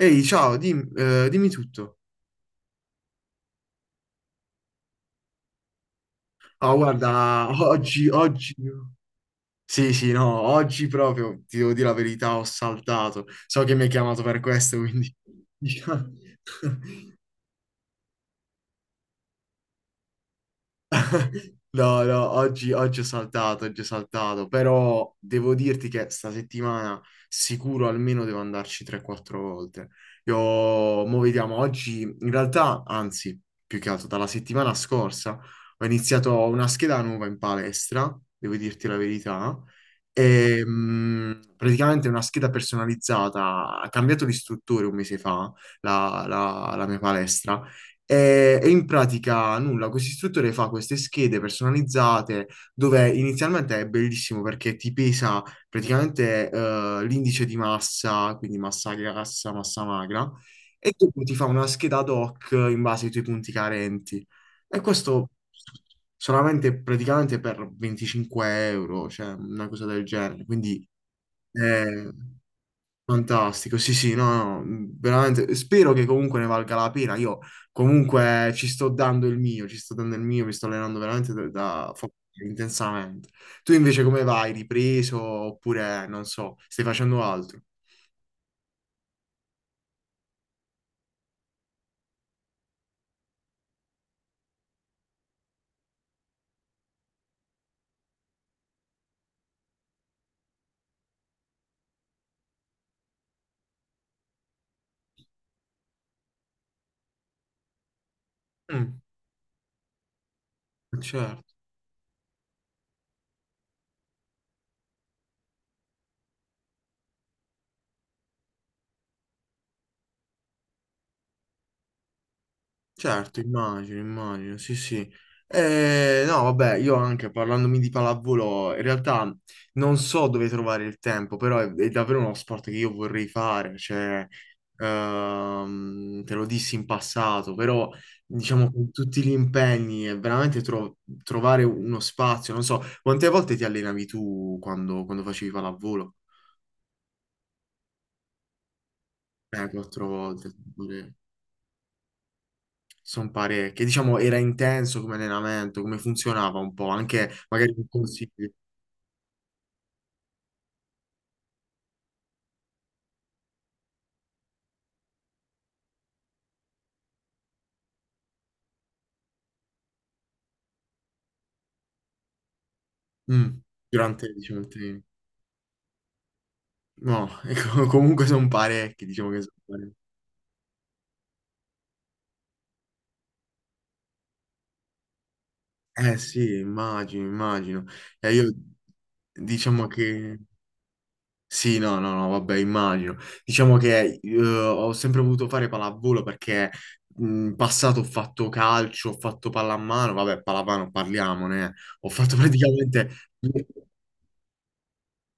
Ehi, ciao, dimmi tutto. Oh, guarda, oggi, oggi... Sì, sì, no, oggi proprio, ti devo dire la verità, ho saltato. So che mi hai chiamato per questo, quindi... diciamo- No, no, oggi ho saltato, oggi ho saltato, però devo dirti che sta settimana sicuro almeno devo andarci 3-4 volte. Io, mo vediamo, oggi in realtà, anzi, più che altro dalla settimana scorsa ho iniziato una scheda nuova in palestra, devo dirti la verità, e praticamente una scheda personalizzata, ha cambiato di istruttore un mese fa la mia palestra e in pratica nulla, questo istruttore fa queste schede personalizzate dove inizialmente è bellissimo perché ti pesa praticamente l'indice di massa, quindi massa grassa, massa magra, e dopo ti fa una scheda ad hoc in base ai tuoi punti carenti. E questo solamente praticamente per 25 euro, cioè una cosa del genere. Quindi, eh, fantastico, sì, sì, no, no, veramente spero che comunque ne valga la pena. Io comunque ci sto dando il mio, ci sto dando il mio, mi sto allenando veramente intensamente. Tu invece come vai? Ripreso oppure non so, stai facendo altro? Mm, certo. Certo, immagino, immagino, sì, sì. No, vabbè, io anche parlandomi di pallavolo, in realtà non so dove trovare il tempo, però è davvero uno sport che io vorrei fare, cioè, te lo dissi in passato, però diciamo con tutti gli impegni è veramente trovare uno spazio, non so, quante volte ti allenavi tu quando facevi pallavolo? Quattro volte. Sono parecchie. Diciamo, era intenso come allenamento, come funzionava un po', anche magari con consigli. Mm. Durante, diciamo, il training. No, ecco, comunque sono parecchi, diciamo che sono parecchi. Eh sì, immagino, immagino. E io diciamo che... Sì, no, no, no, vabbè, immagino. Diciamo che ho sempre voluto fare pallavolo perché in passato ho fatto calcio, ho fatto pallamano, vabbè, pallamano parliamone. Eh. Ho fatto praticamente...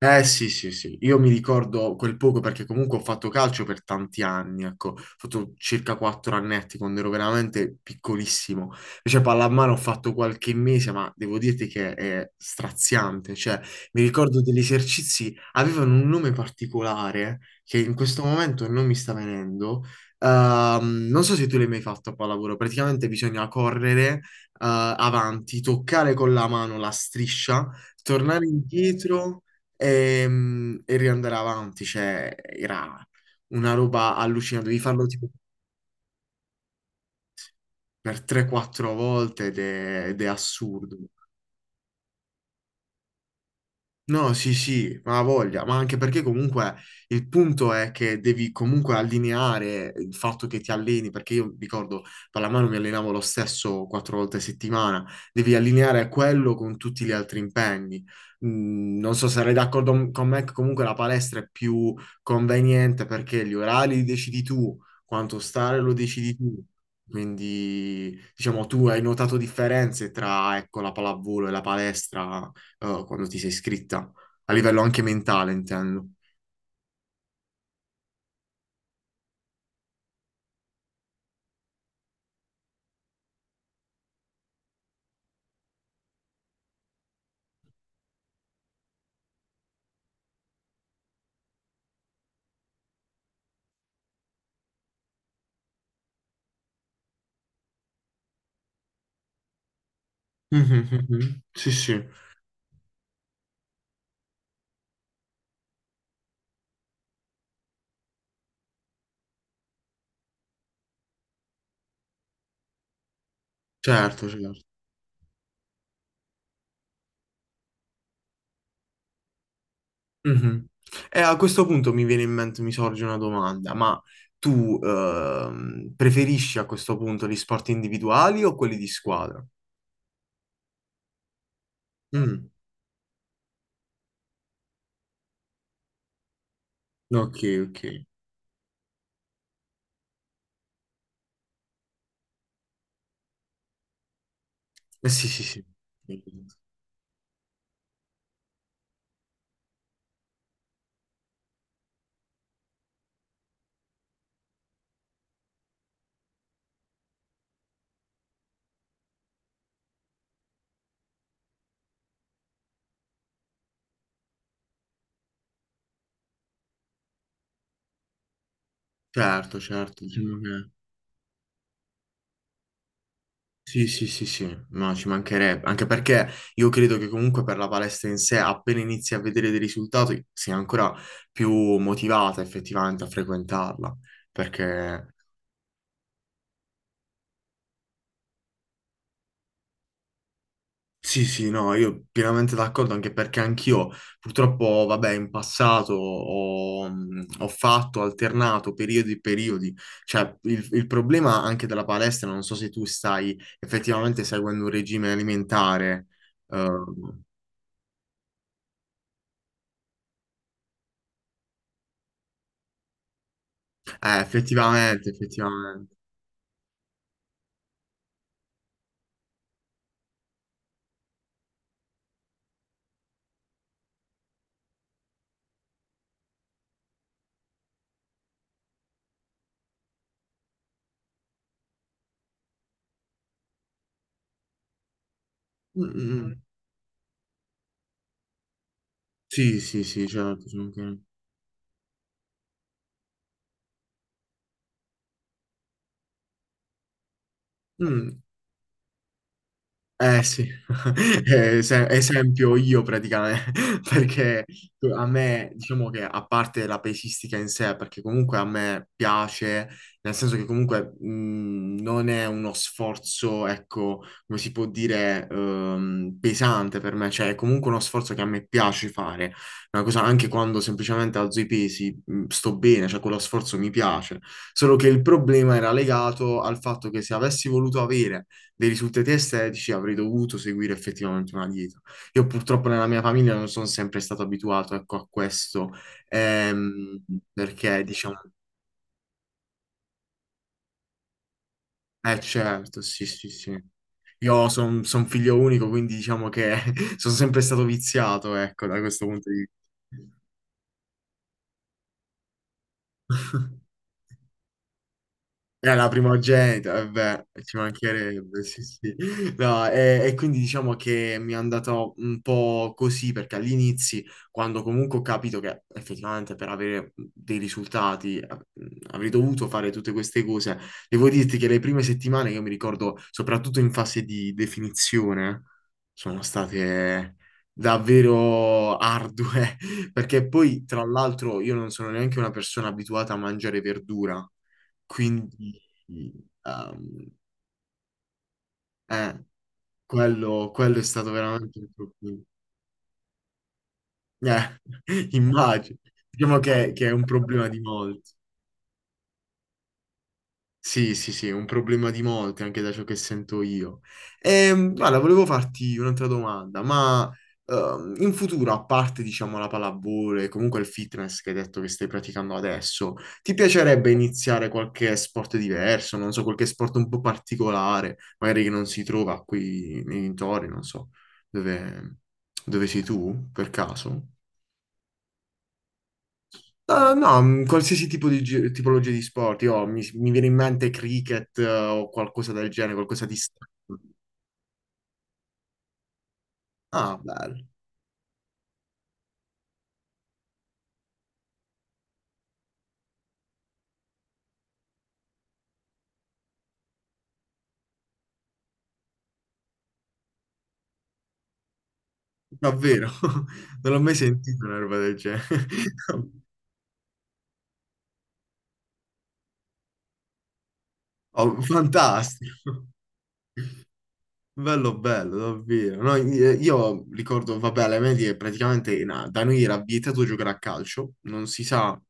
Eh sì, sì, sì, io mi ricordo quel poco perché comunque ho fatto calcio per tanti anni, ecco, ho fatto circa quattro annetti quando ero veramente piccolissimo, invece pallamano ho fatto qualche mese, ma devo dirti che è straziante, cioè mi ricordo degli esercizi, avevano un nome particolare che in questo momento non mi sta venendo. Non so se tu l'hai mai fatto a pallavolo, praticamente bisogna correre avanti, toccare con la mano la striscia, tornare indietro. E, riandare avanti, cioè era una roba allucinante, devi farlo tipo per 3-4 volte ed è assurdo. No, sì, sì, ma ha voglia, ma anche perché comunque il punto è che devi comunque allineare il fatto che ti alleni, perché io ricordo pallamano mi allenavo lo stesso quattro volte a settimana, devi allineare quello con tutti gli altri impegni. Mm, non so se sarai d'accordo con me che comunque la palestra è più conveniente perché gli orari li decidi tu, quanto stare lo decidi tu. Quindi, diciamo, tu hai notato differenze tra, ecco, la pallavolo e la palestra? Quando ti sei iscritta, a livello anche mentale, intendo. Mhm, mhm. Sì, sì, certo, certo. Mhm. E a questo punto mi viene in mente, mi sorge una domanda, ma tu preferisci a questo punto gli sport individuali o quelli di squadra? Mm, ok, ok. Sì, sì, sì. Certo, certo. Diciamo che... Sì, sì, sì, sì, no, ci mancherebbe, anche perché io credo che comunque per la palestra in sé, appena inizi a vedere dei risultati, sia ancora più motivata effettivamente a frequentarla, perché sì, sì, no, io pienamente d'accordo, anche perché anch'io purtroppo, vabbè, in passato ho fatto, alternato periodi e periodi, cioè il problema anche della palestra, non so se tu stai effettivamente seguendo un regime alimentare, ehm, eh, effettivamente, effettivamente. Mm, mm, mm. Mm. Sì, sì, sì, certo, ci mancherebbe. Mm. Eh sì, Esempio io praticamente, perché a me, diciamo che a parte la pesistica in sé, perché comunque a me piace, nel senso che comunque non è uno sforzo, ecco, come si può dire, pesante per me, cioè è comunque uno sforzo che a me piace fare, una cosa anche quando semplicemente alzo i pesi, sto bene, cioè quello sforzo mi piace, solo che il problema era legato al fatto che se avessi voluto avere dei risultati estetici, avrei dovuto seguire effettivamente una dieta. Io purtroppo nella mia famiglia non sono sempre stato abituato, ecco, a questo, ehm, perché diciamo, eh certo, sì, sì, sì. Io sono figlio unico, quindi diciamo che sono sempre stato viziato, ecco, da questo punto di vista. Era la primogenita, vabbè, ci mancherebbe, sì, sì. No, e quindi diciamo che mi è andato un po' così, perché all'inizio, quando comunque ho capito che effettivamente per avere dei risultati avrei dovuto fare tutte queste cose, devo dirti che le prime settimane, io mi ricordo, soprattutto in fase di definizione, sono state davvero ardue, perché poi, tra l'altro, io non sono neanche una persona abituata a mangiare verdura. Quindi ehm, eh, quello è stato veramente un problema. Eh, immagino. Diciamo che è un problema di molti. Sì, sì, sì, è un problema di molti, anche da ciò che sento io. Guarda, volevo farti un'altra domanda, ma in futuro, a parte, diciamo, la pallavolo e comunque il fitness che hai detto che stai praticando adesso, ti piacerebbe iniziare qualche sport diverso, non so, qualche sport un po' particolare, magari che non si trova qui nei dintorni, non so, dove, dove sei tu, per caso? No, qualsiasi tipo di tipologia di sport. Io, mi viene in mente cricket, o qualcosa del genere, qualcosa di strano. Ah, bello, davvero. Non l'ho mai sentito una roba del genere. Oh, fantastico. Bello, bello, davvero. No, io ricordo, vabbè, alle medie praticamente da noi era vietato giocare a calcio, non si sa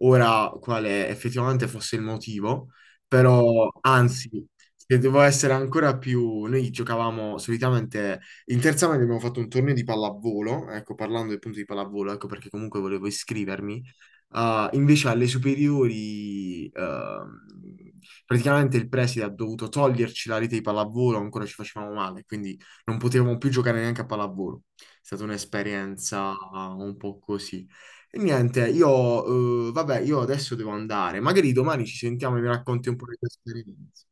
ora quale effettivamente fosse il motivo, però anzi, se devo essere ancora più... Noi giocavamo solitamente, in terza media abbiamo fatto un torneo di pallavolo, ecco, parlando appunto di pallavolo, ecco perché comunque volevo iscrivermi. Ah, invece alle superiori, praticamente il preside ha dovuto toglierci la rete di pallavolo, ancora ci facevamo male, quindi non potevamo più giocare neanche a pallavolo. È stata un'esperienza ah, un po' così. E niente, io, vabbè, io adesso devo andare. Magari domani ci sentiamo e mi racconti un po' di questa esperienza.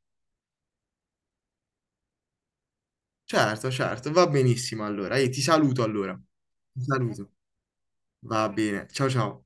Certo, certo, va benissimo allora. Io ti saluto allora. Ti saluto. Va bene. Ciao ciao.